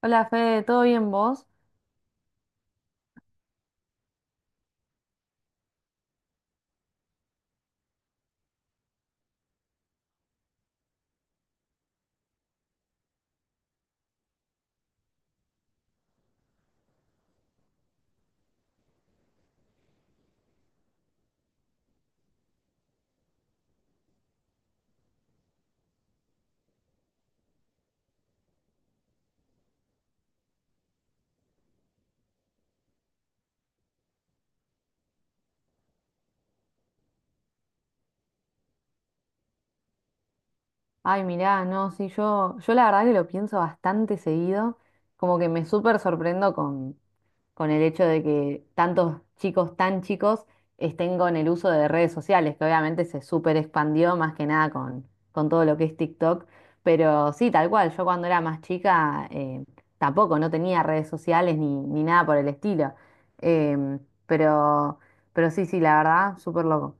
Hola Fede, ¿todo bien vos? Ay, mirá, no, sí, yo la verdad que lo pienso bastante seguido, como que me súper sorprendo con el hecho de que tantos chicos tan chicos estén con el uso de redes sociales, que obviamente se súper expandió más que nada con, con todo lo que es TikTok. Pero sí, tal cual, yo cuando era más chica tampoco, no tenía redes sociales ni, ni nada por el estilo. Em, pero, pero sí, sí, la verdad, súper loco.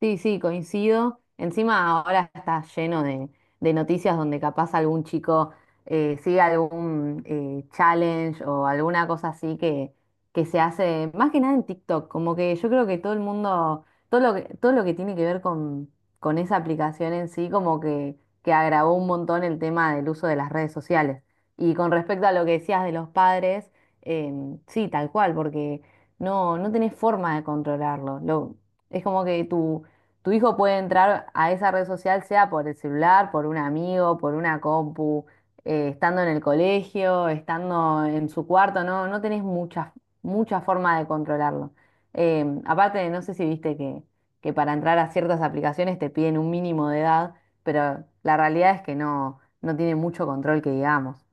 Sí, sí, coincido. Encima ahora está lleno de noticias donde capaz algún chico sigue algún challenge o alguna cosa así que se hace, más que nada en TikTok, como que yo creo que todo el mundo, todo lo que tiene que ver con esa aplicación en sí, como que agravó un montón el tema del uso de las redes sociales. Y con respecto a lo que decías de los padres, sí, tal cual, porque no, no tenés forma de controlarlo. Es como que tu hijo puede entrar a esa red social, sea por el celular, por un amigo, por una compu, estando en el colegio, estando en su cuarto, no, no tenés mucha, mucha forma de controlarlo. Aparte, no sé si viste que para entrar a ciertas aplicaciones te piden un mínimo de edad, pero la realidad es que no, no tiene mucho control que digamos.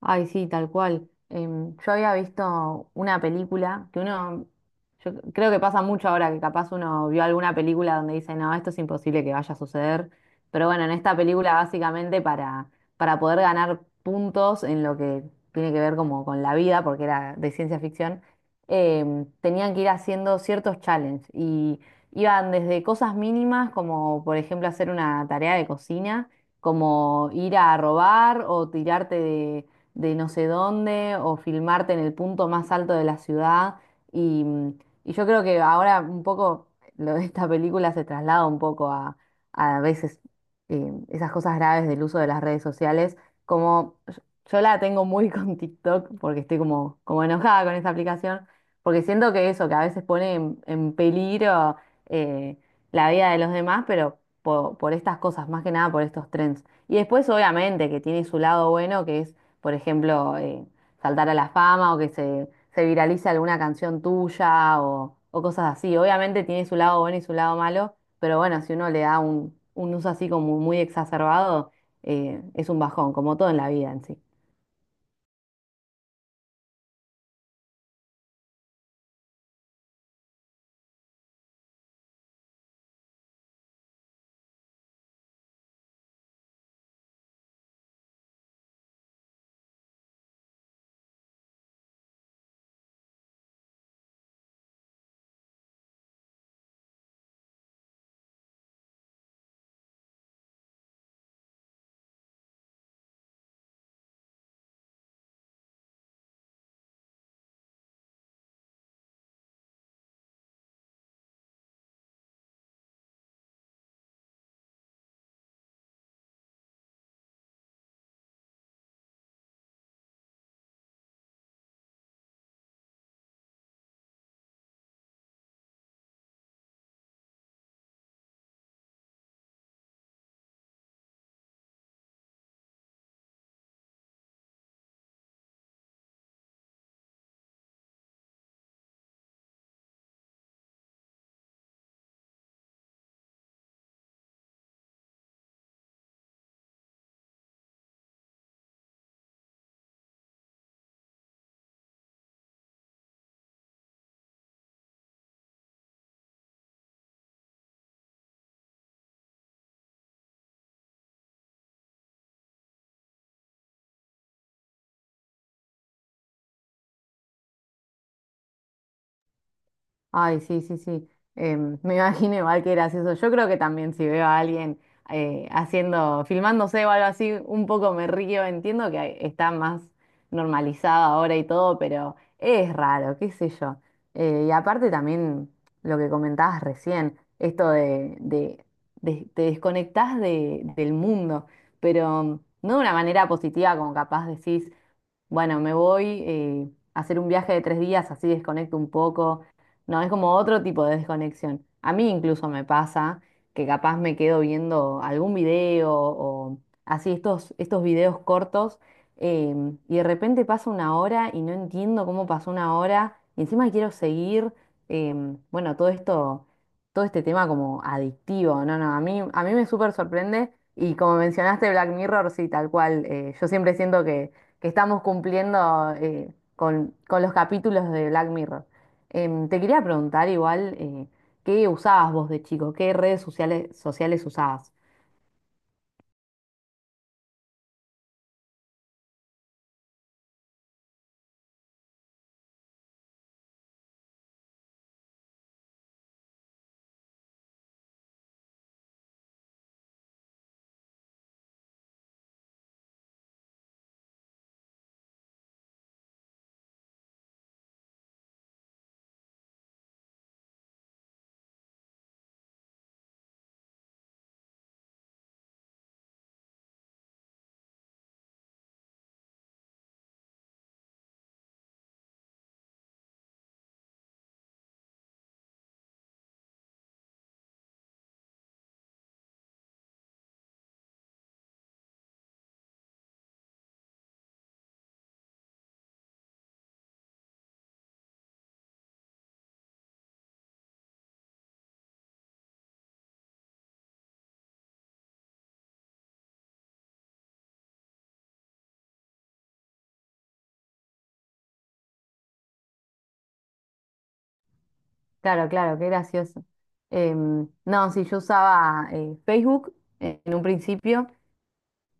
Ay, sí, tal cual. Yo había visto una película que uno, yo creo que pasa mucho ahora que capaz uno vio alguna película donde dice, no, esto es imposible que vaya a suceder. Pero bueno, en esta película básicamente para poder ganar puntos en lo que tiene que ver como con la vida, porque era de ciencia ficción, tenían que ir haciendo ciertos challenges, y iban desde cosas mínimas como por ejemplo hacer una tarea de cocina, como ir a robar o tirarte de no sé dónde o filmarte en el punto más alto de la ciudad. Y, y yo creo que ahora un poco lo de esta película se traslada un poco a veces esas cosas graves del uso de las redes sociales, como yo la tengo muy con TikTok porque estoy como, como enojada con esa aplicación, porque siento que eso, que a veces pone en peligro eh, la vida de los demás, pero por, estas cosas, más que nada por estos trends. Y después obviamente que tiene su lado bueno, que es por ejemplo, saltar a la fama o que se viralice alguna canción tuya o cosas así. Obviamente tiene su lado bueno y su lado malo, pero bueno, si uno le da un uso así como muy exacerbado, es un bajón, como todo en la vida en sí. Ay, sí, sí, sí. Me imagino igual que gracioso. Yo creo que también si veo a alguien haciendo, filmándose o algo así, un poco me río. Entiendo que está más normalizado ahora y todo, pero es raro, qué sé yo. Y aparte también lo que comentabas recién, esto de, te desconectás de- del mundo, pero no de una manera positiva como capaz decís, bueno, me voy a hacer un viaje de tres días, así desconecto un poco. No, es como otro tipo de desconexión. A mí incluso me pasa que capaz me quedo viendo algún video o así estos, estos videos cortos, y de repente pasa una hora y no entiendo cómo pasó una hora y encima quiero seguir. Bueno, todo esto, todo este tema como adictivo, no, no, a mí me súper sorprende, y como mencionaste Black Mirror, sí, tal cual, yo siempre siento que estamos cumpliendo con los capítulos de Black Mirror. Te quería preguntar igual, ¿qué usabas vos de chico? ¿Qué redes sociales usabas? Claro, claro, qué gracioso. No, sí, yo usaba Facebook en un principio.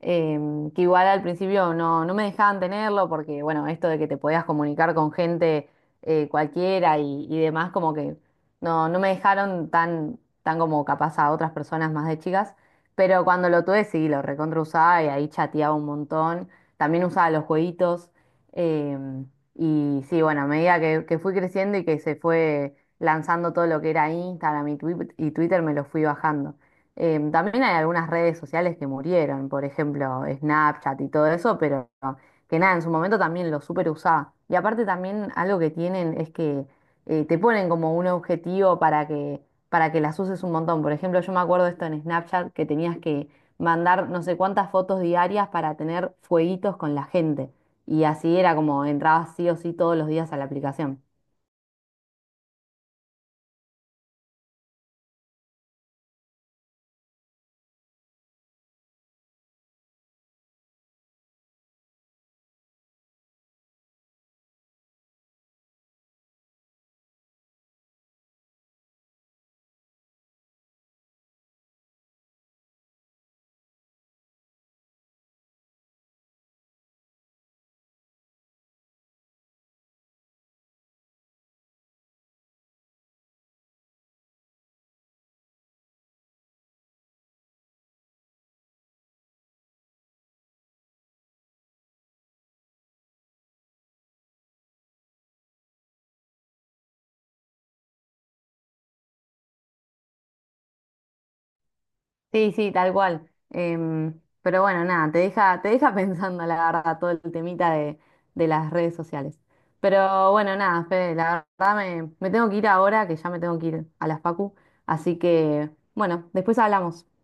Que igual al principio no, no me dejaban tenerlo porque, bueno, esto de que te podías comunicar con gente cualquiera y demás, como que no, no me dejaron tan, tan como capaz a otras personas más de chicas, pero cuando lo tuve sí, lo recontra usaba y ahí chateaba un montón, también usaba los jueguitos. em, y sí, bueno, a medida que fui creciendo y que se fue lanzando todo lo que era Instagram y y Twitter, me lo fui bajando. También hay algunas redes sociales que murieron, por ejemplo, Snapchat y todo eso, pero que nada, en su momento también lo super usaba. Y aparte también algo que tienen es que te ponen como un objetivo para que las uses un montón. Por ejemplo, yo me acuerdo esto en Snapchat que tenías que mandar no sé cuántas fotos diarias para tener fueguitos con la gente. Y así era como entrabas sí o sí todos los días a la aplicación. Sí, sí, tal cual. Pero bueno, nada, te deja pensando, la verdad, todo el temita de las redes sociales. Pero bueno, nada, Fede, la verdad me, me tengo que ir ahora, que ya me tengo que ir a las Facu. Así que, bueno, después hablamos.